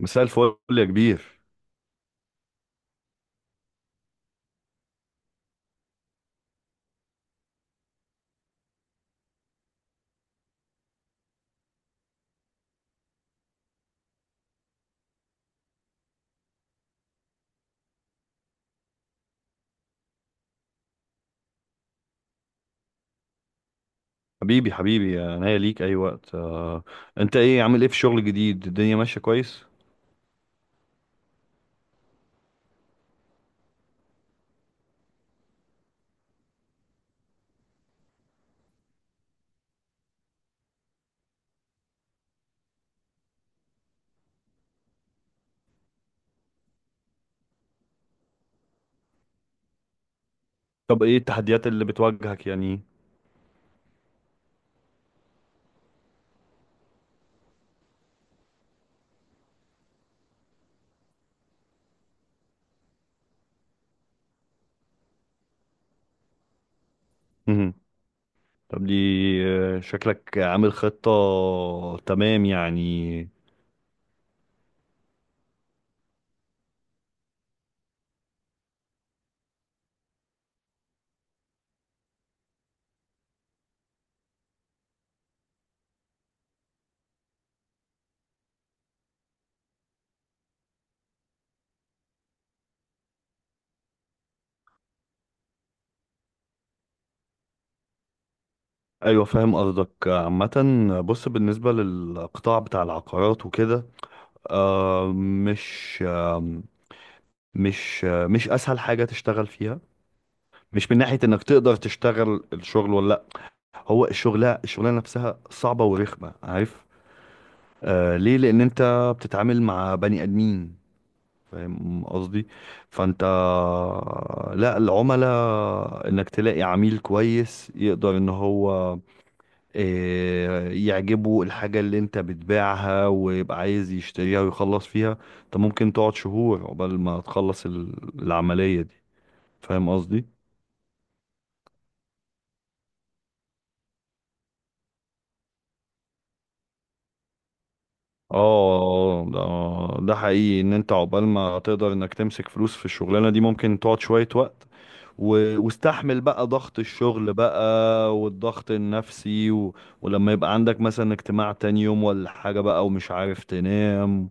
مساء الفل يا كبير. حبيبي حبيبي، انا هي ليك اي وقت. انت ايه عامل ايه في الشغل الجديد؟ الدنيا ماشيه كويس؟ طب ايه التحديات اللي بتواجهك يعني؟ مهم. طب دي، شكلك عامل خطه، تمام يعني. ايوه، فاهم قصدك عامه. بص، بالنسبه للقطاع بتاع العقارات وكده، آه، مش آه، مش اسهل حاجه تشتغل فيها. مش من ناحيه انك تقدر تشتغل الشغل، ولا هو الشغلانة نفسها صعبة ورخمة، عارف؟ ليه؟ لأن أنت بتتعامل مع بني آدمين، فاهم قصدي؟ فأنت، لا، العملاء، إنك تلاقي عميل كويس يقدر إن هو يعجبه الحاجة اللي أنت بتبيعها ويبقى عايز يشتريها ويخلص فيها، أنت ممكن تقعد شهور عقبال ما تخلص العملية دي، فاهم قصدي؟ اه، ده حقيقي ان انت عقبال ما تقدر انك تمسك فلوس في الشغلانه دي ممكن تقعد شويه وقت، واستحمل بقى ضغط الشغل بقى والضغط النفسي، ولما يبقى عندك مثلا اجتماع تاني يوم ولا حاجه بقى ومش عارف تنام.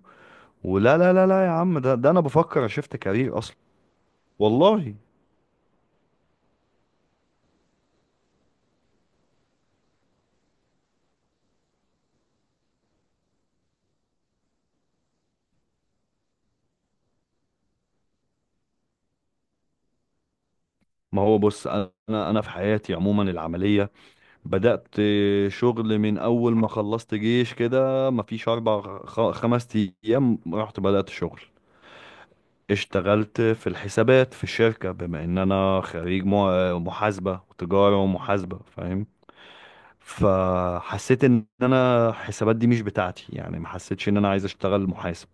ولا لا لا لا يا عم، ده انا بفكر اشفت كارير اصلا، والله. ما هو بص، انا في حياتي عموما العمليه بدأت شغل من أول ما خلصت جيش، كده مفيش أربع خمس أيام، رحت بدأت شغل. اشتغلت في الحسابات في الشركة، بما إن أنا خريج محاسبة وتجارة ومحاسبة، فاهم. فحسيت إن أنا الحسابات دي مش بتاعتي، يعني ما حسيتش إن أنا عايز أشتغل محاسب،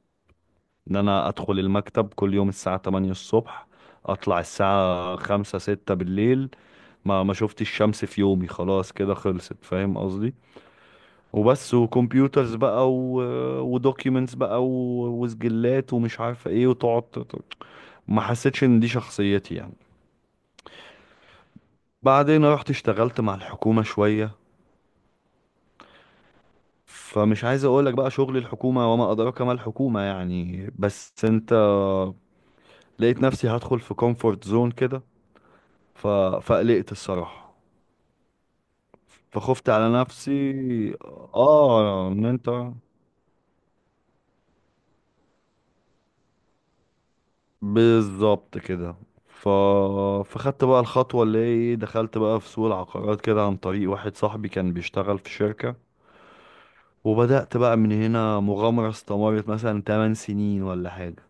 إن أنا أدخل المكتب كل يوم الساعة 8 الصبح، أطلع الساعة 5 6 بالليل، ما شفتش الشمس في يومي، خلاص كده خلصت، فاهم قصدي؟ وبس، وكمبيوترز بقى، ودوكيومنتس بقى، وسجلات، ومش عارف ايه، وتقعد ما حسيتش ان دي شخصيتي يعني. بعدين رحت اشتغلت مع الحكومة شوية، فمش عايز اقولك بقى شغل الحكومة، وما ادراك ما الحكومة يعني، بس انت، لقيت نفسي هدخل في كومفورت زون كده، ف... فقلقت الصراحة، فخفت على نفسي. اه ان انت، بالظبط كده. ف... فخدت بقى الخطوة اللي هي ايه، دخلت بقى في سوق العقارات كده عن طريق واحد صاحبي كان بيشتغل في شركة، وبدأت بقى من هنا مغامرة استمرت مثلا 8 سنين ولا حاجة.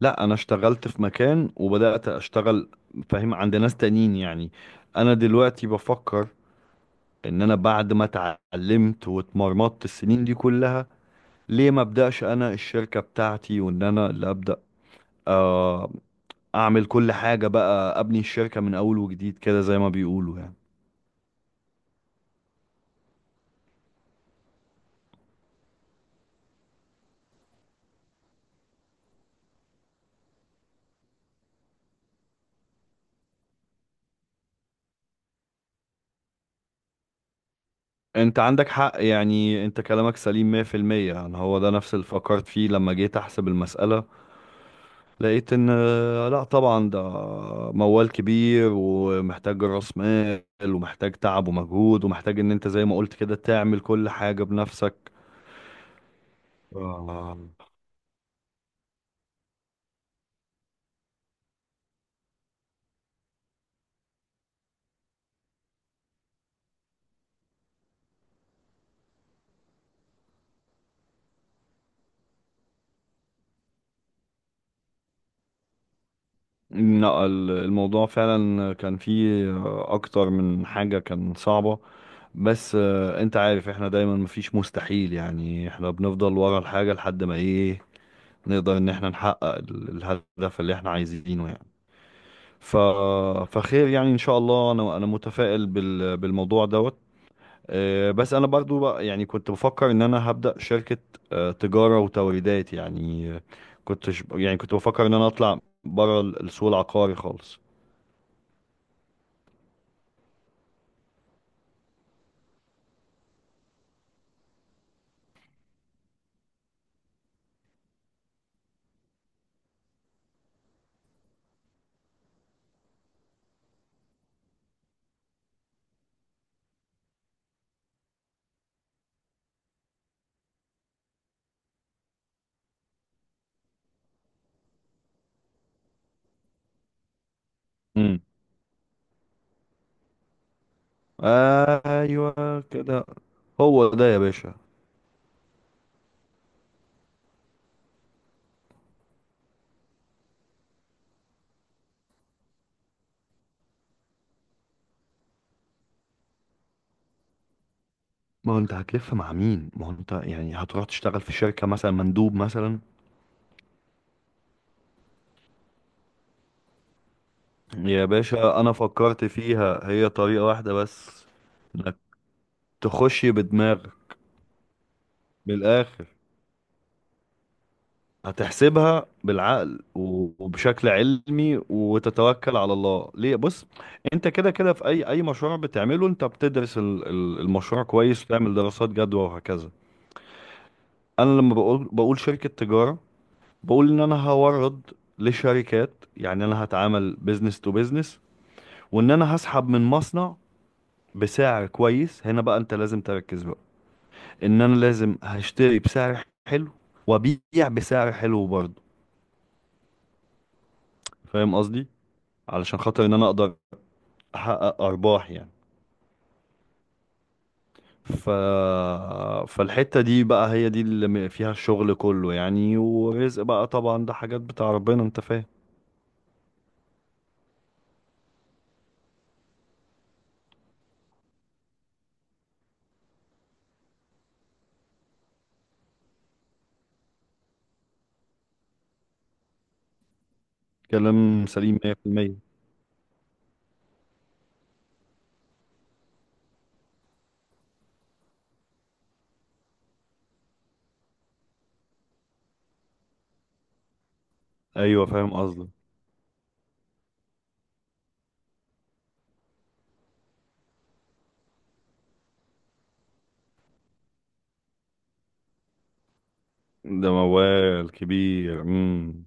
لا، انا اشتغلت في مكان وبدأت اشتغل، فاهم، عند ناس تانيين يعني. انا دلوقتي بفكر ان انا بعد ما اتعلمت واتمرمطت السنين دي كلها، ليه ما ابدأش انا الشركة بتاعتي وان انا اللي ابدأ آه، اعمل كل حاجة بقى، ابني الشركة من اول وجديد كده، زي ما بيقولوا يعني. انت عندك حق يعني، انت كلامك سليم 100%. يعني هو ده نفس اللي فكرت فيه لما جيت احسب المسألة، لقيت ان لا طبعا ده موال كبير، ومحتاج راس مال، ومحتاج تعب ومجهود، ومحتاج ان انت زي ما قلت كده تعمل كل حاجة بنفسك. آه، لا الموضوع فعلا كان فيه اكتر من حاجة كان صعبة، بس انت عارف احنا دايما مفيش مستحيل يعني، احنا بنفضل ورا الحاجة لحد ما ايه، نقدر ان احنا نحقق الهدف اللي احنا عايزينه يعني. ف... فخير يعني ان شاء الله، انا متفائل بالموضوع دوت. بس انا برضو بقى يعني كنت بفكر ان انا هبدأ شركة، تجارة وتوريدات يعني، يعني كنت بفكر ان انا اطلع بره السوق العقاري خالص. امم. ايوه كده. هو ده يا باشا. ما هو انت هتلف مع مين، ما هو انت يعني هتروح تشتغل في شركة مثلا مندوب مثلا. يا باشا، انا فكرت فيها هي طريقة واحدة بس، انك تخش بدماغك بالاخر، هتحسبها بالعقل وبشكل علمي، وتتوكل على الله. ليه؟ بص، انت كده كده في اي مشروع بتعمله، انت بتدرس المشروع كويس، وتعمل دراسات جدوى وهكذا. انا لما بقول شركة تجارة، بقول ان انا هورد لشركات، يعني انا هتعامل بزنس تو بزنس، وان انا هسحب من مصنع بسعر كويس. هنا بقى انت لازم تركز بقى، ان انا لازم هشتري بسعر حلو وابيع بسعر حلو برضه، فاهم قصدي؟ علشان خاطر ان انا اقدر احقق ارباح يعني. ف... فالحتة دي بقى هي دي اللي فيها الشغل كله يعني، ورزق بقى طبعا، ده حاجات بتاع ربنا، انت فاهم. كلام سليم 100%. ايوه فاهم قصدك. ده موال كبير.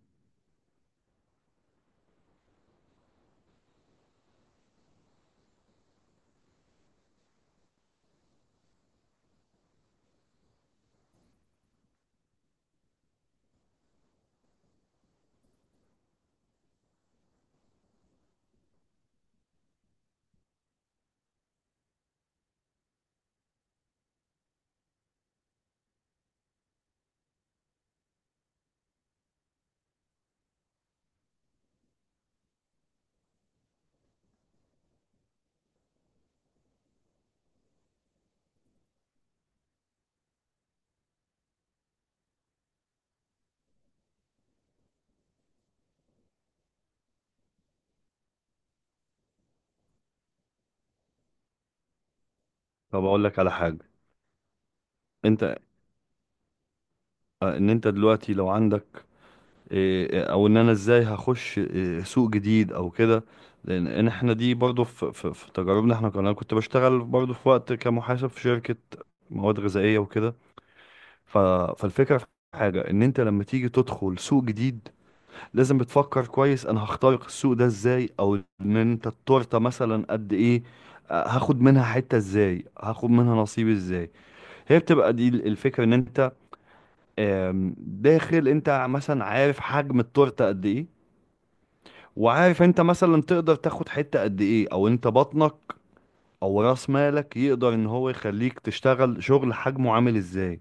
طب اقول لك على حاجة. انت، ان انت دلوقتي لو عندك إيه، او ان انا ازاي هخش إيه، سوق جديد او كده؟ لان إن احنا دي برضو في تجاربنا، احنا انا كنت بشتغل برضو في وقت كمحاسب في شركة مواد غذائية وكده، ف- فالفكرة في حاجة، ان انت لما تيجي تدخل سوق جديد لازم بتفكر كويس، انا هخترق السوق ده ازاي، او ان انت التورتة مثلا قد ايه، هاخد منها حتة ازاي، هاخد منها نصيب ازاي. هي بتبقى دي الفكرة، ان انت داخل، انت مثلا عارف حجم التورتة قد ايه، وعارف انت مثلا تقدر تاخد حتة قد ايه، او انت بطنك او راس مالك يقدر ان هو يخليك تشتغل شغل حجمه عامل ازاي.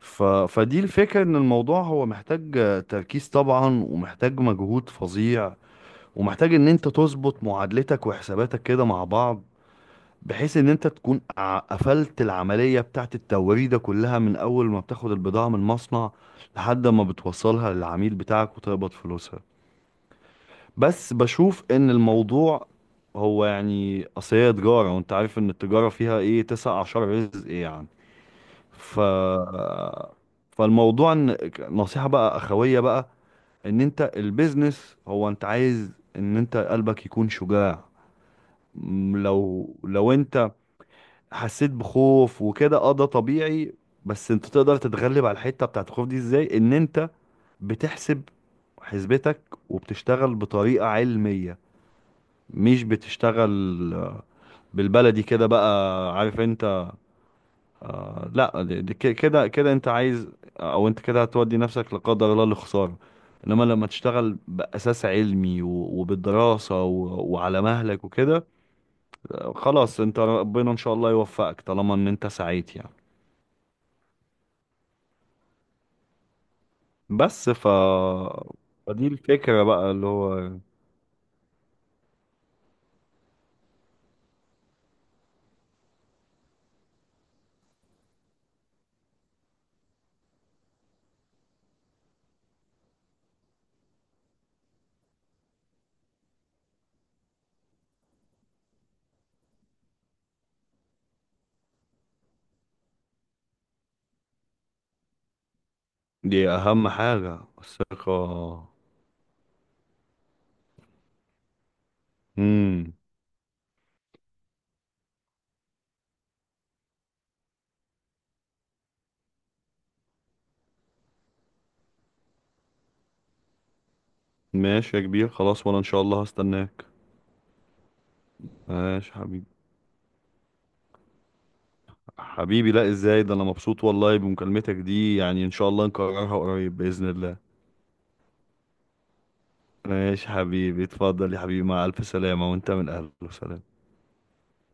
فدي الفكرة، ان الموضوع هو محتاج تركيز طبعا، ومحتاج مجهود فظيع، ومحتاج ان انت تظبط معادلتك وحساباتك كده مع بعض، بحيث ان انت تكون قفلت العملية بتاعت التوريدة كلها من اول ما بتاخد البضاعة من المصنع لحد ما بتوصلها للعميل بتاعك وتقبض فلوسها. بس بشوف ان الموضوع هو يعني اصل هي تجارة، وانت عارف ان التجارة فيها ايه تسع اعشار رزق يعني. ف فالموضوع ان نصيحة بقى اخوية بقى، ان انت البيزنس هو انت عايز ان انت قلبك يكون شجاع. لو انت حسيت بخوف وكده، اه، ده طبيعي. بس انت تقدر تتغلب على الحتة بتاعت الخوف دي ازاي، ان انت بتحسب حسبتك وبتشتغل بطريقة علمية، مش بتشتغل بالبلدي كده بقى، عارف انت. لا دي كده كده انت عايز، او انت كده هتودي نفسك لا قدر الله لخسارة، انما لما تشتغل بأساس علمي وبالدراسة وعلى مهلك وكده، خلاص انت ربنا ان شاء الله يوفقك طالما ان انت سعيت يعني. بس فدي الفكرة بقى اللي هو، دي اهم حاجة الثقة. امم. ماشي يا كبير خلاص، وانا ان شاء الله هستناك. ماشي حبيبي. حبيبي، لا ازاي، ده انا مبسوط والله بمكالمتك دي يعني، ان شاء الله نكررها قريب بإذن الله. ماشي حبيبي، اتفضل يا حبيبي، مع الف سلامة، وانت من اهل وسلام.